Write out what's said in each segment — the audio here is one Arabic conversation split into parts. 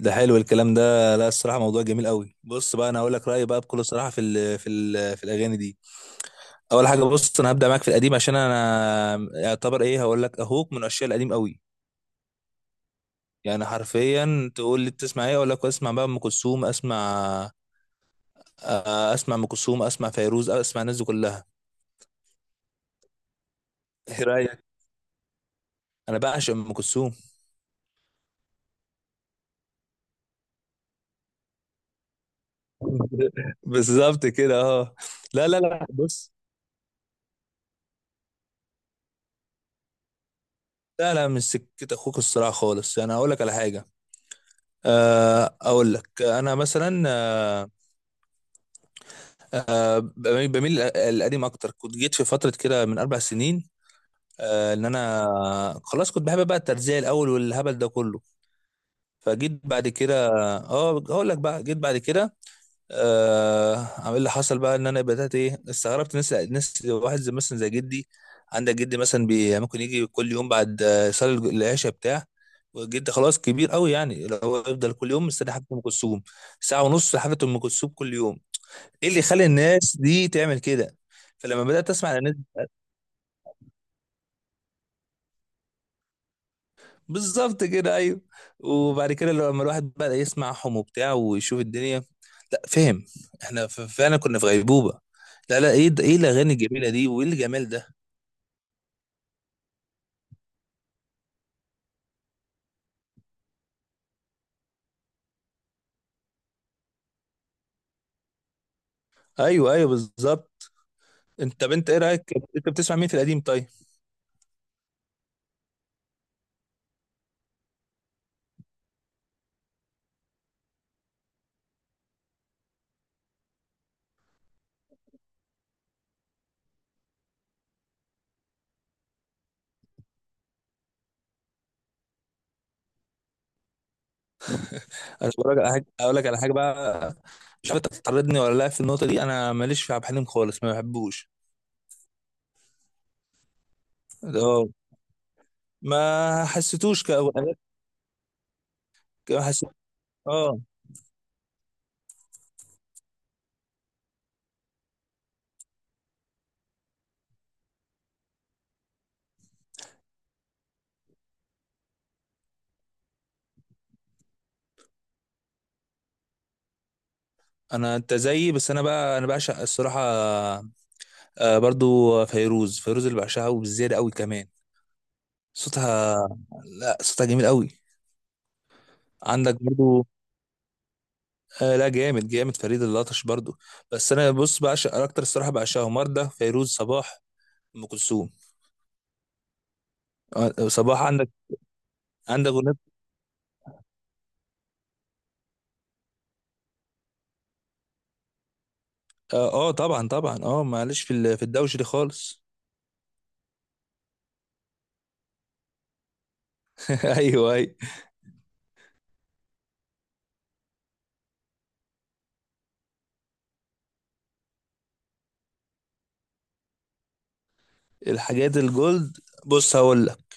ده حلو الكلام ده. لا الصراحه موضوع جميل قوي. بص بقى انا هقول لك رايي بقى بكل صراحه في الاغاني دي. اول حاجه، بص انا هبدا معاك في القديم، عشان انا يعتبر ايه هقول لك اهوك من الاشياء القديم قوي. يعني حرفيا تقول لي بتسمع ايه، اقول لك اسمع بقى ام كلثوم اسمع. اسمع ام كلثوم، اسمع فيروز، اسمع الناس دي كلها. ايه رايك؟ انا بعشق ام كلثوم. بالظبط كده، اه. لا بص. لا مش سكت اخوك الصراحه خالص، يعني هقول لك على حاجه. اقول لك انا مثلا بميل القديم اكتر. كنت جيت في فتره كده من اربع سنين، ان انا خلاص كنت بحب بقى الترزيه الاول والهبل ده كله. فجيت بعد كده. اه هقول لك بقى جيت بعد كده، عامل اللي حصل بقى ان انا بدات ايه، استغربت ناس واحد زي مثلا زي جدي. عندك جدي مثلا بي ممكن يجي كل يوم بعد يصلي العشاء بتاع. وجدي خلاص كبير قوي، يعني اللي هو يفضل كل يوم مستني حفله ام كلثوم. ساعه ونص حفله ام كلثوم كل يوم. ايه اللي يخلي الناس دي تعمل كده؟ فلما بدات اسمع عن الناس، بالظبط كده، ايوه. وبعد كده لما الواحد بدأ يسمع حم وبتاع ويشوف الدنيا، لا فهم، احنا فعلا كنا في غيبوبة. لا لا، ايه ده، ايه الاغاني الجميلة دي، وايه الجمال ده. ايوه ايوه بالظبط. انت طب انت ايه رايك، انت بتسمع مين في القديم طيب؟ انا بقولك على حاجه، اقول لك على حاجه بقى. مش عارف انت هتطردني ولا لا في النقطه دي، انا ماليش في عبد الحليم خالص، ما بحبوش. اه، ما حسيتوش كأغنية. ما حسيت، اه. انا انت زيي، بس انا بقى انا بعشق الصراحه برضو فيروز اللي بعشقها، وبالزيادة قوي كمان. صوتها، لا صوتها جميل قوي. عندك برضو لا، جامد فريد الأطرش برضو. بس انا بص، بعشق اكتر الصراحة، بعشقها مرده فيروز، صباح، ام كلثوم. صباح عندك. عندك اغنية؟ اه طبعا طبعا، اه، معلش في الدوش دي خالص. ايوه ايوه. الحاجات الجولد، بص هقول لك.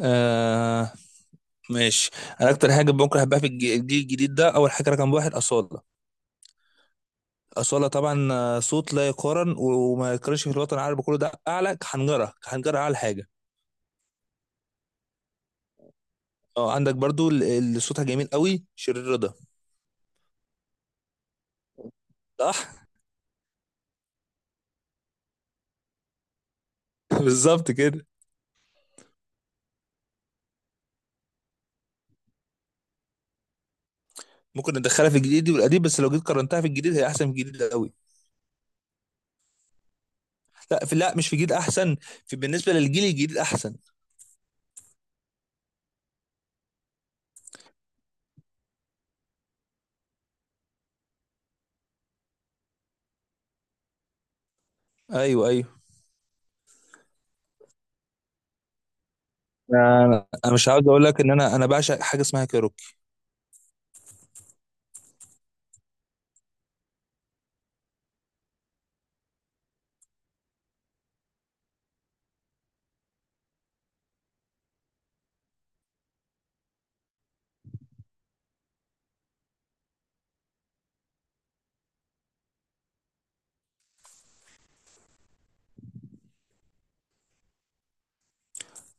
آه، ماشي. انا اكتر حاجه ممكن احبها في الجيل الجديد ده، اول حاجه رقم واحد اصاله. أصالة طبعا، صوت لا يقارن، وما يقارنش في الوطن العربي كله، ده أعلى حنجرة أعلى حاجة. اه عندك برضو اللي صوتها جميل قوي، شيرين رضا، صح؟ بالظبط كده. ممكن ندخلها في الجديد والقديم، بس لو جيت قارنتها في الجديد هي أحسن في الجديد قوي. لا في، لا مش في الجديد أحسن، في بالنسبة للجيل الجديد أحسن. أيوه أيوه. أنا انا مش عاوز اقول لك ان انا بعشق حاجه اسمها كايروكي.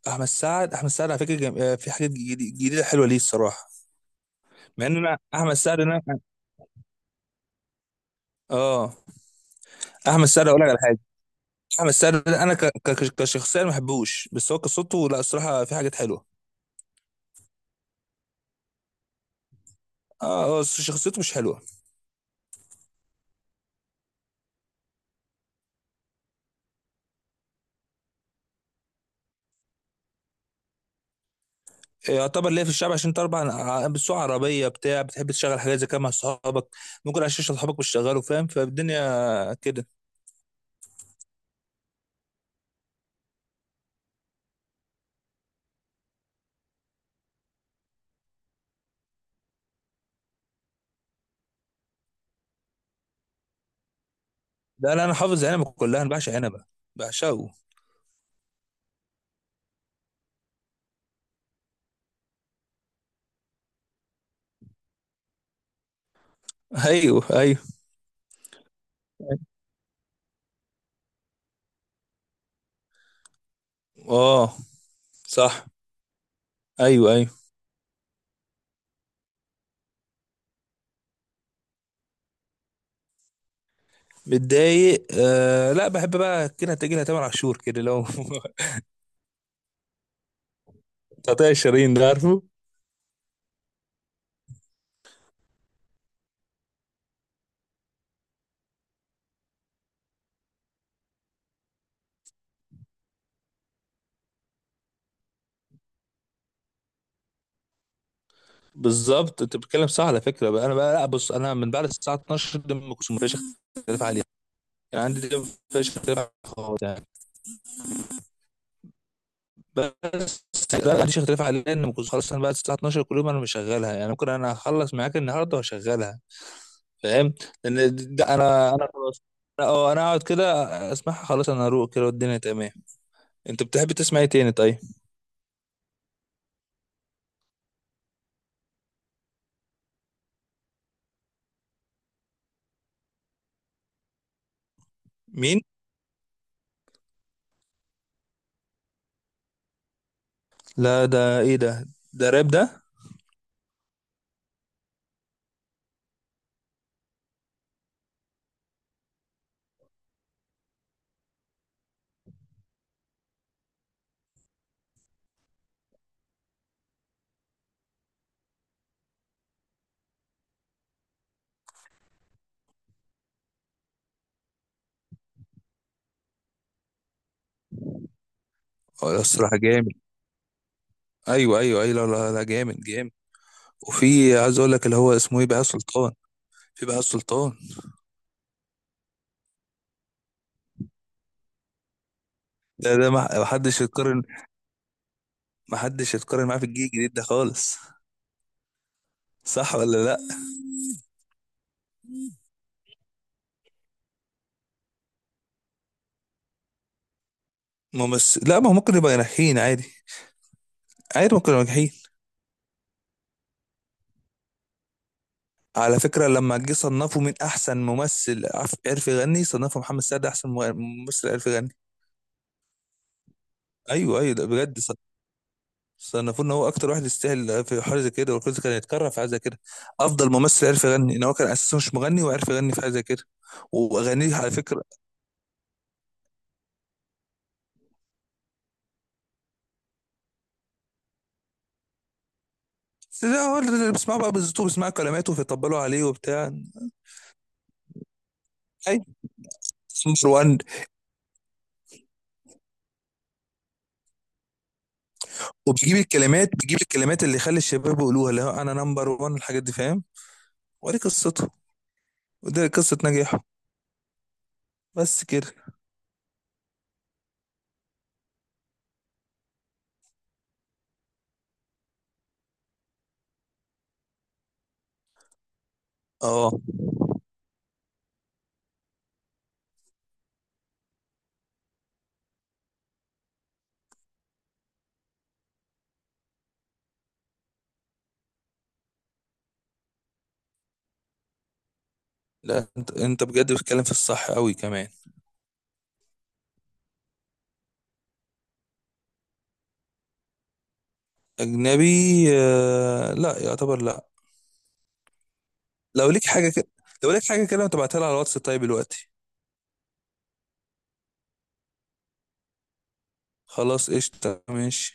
احمد سعد على فكره في حاجات جديده حلوه ليه الصراحه. مع ان انا احمد سعد انا، اه. احمد سعد اقول لك على حاجه، بس انا كشخصيه ما بحبوش، بس هو كصوته لا الصراحه في حاجات حلوه. اه هو شخصيته مش حلوه. يعتبر ليه في الشعب، عشان طبعا بتسوق عربيه بتاع، بتحب تشغل حاجات زي كده مع اصحابك. ممكن عشان اصحابك مش شغالوا فاهم، فالدنيا كده. لا انا حافظ عنب كلها، انا بعشق عنب، بعشقه. ايوه ايوه، اه صح. ايوه ايوه متضايق، آه لا بحب بقى كده تجي لها تامر عاشور كده لو. تقطيع الشرايين ده، عارفه. بالظبط، انت بتتكلم صح على فكره بقى. انا بقى لا بص، انا من بعد الساعه 12 دي ما كنتش مفيش اختلاف عليها. يعني عندي دي، مفيش اختلاف عليها خالص يعني. بس، لا ما عنديش اختلاف عليها، ان ما كنتش خلاص، انا بعد الساعه 12 كل يوم انا مشغلها. يعني ممكن انا اخلص معاك النهارده واشغلها، فاهم. لان ده انا انا خلاص، اه انا اقعد كده اسمعها، خلاص انا اروق كده والدنيا تمام. انت بتحب تسمع ايه تاني طيب؟ مين؟ لا ده ايه ده، ده راب ده؟ اه الصراحه جامد. ايوه ايوه ايوه، لا جامد جامد. وفي عايز اقول لك اللي هو اسمه ايه، بهاء سلطان. في بهاء سلطان. ده ده ما حدش يتقارن، ما حدش يتقارن معاه في الجيل الجديد ده خالص. صح ولا لا؟ ممثل لا، ما هو ممكن يبقى ناجحين عادي. عادي، ممكن يبقى ناجحين. على فكرة لما جه صنفوا من أحسن ممثل عرف يغني، صنفوا محمد سعد أحسن ممثل عرف يغني. أيوه أيوه ده بجد، صنفوه إن هو أكتر واحد يستاهل في حاجة زي كده، والكل كان يتكرر في حاجة زي كده. أفضل ممثل عرف يغني، إن هو كان أساسا مش مغني وعرف يغني في حاجة زي كده. وأغانيه على فكرة، بس ده هو اللي بيسمعوا بقى بالظبط، وبيسمعوا كلماته فيطبلوا عليه وبتاع. اي، نمبر 1. وبيجيب الكلمات بيجيب الكلمات اللي يخلي الشباب يقولوها، اللي هو انا نمبر 1 الحاجات دي، فاهم. ودي قصته، ودي قصة نجاحه، بس كده. اه لا، انت انت بجد بتتكلم في الصح قوي كمان. اجنبي؟ آه لا يعتبر لا. لو ليك حاجة كده، لو ليك حاجة كده ما تبعتها لي على الواتس طيب دلوقتي. خلاص قشطة، ماشي.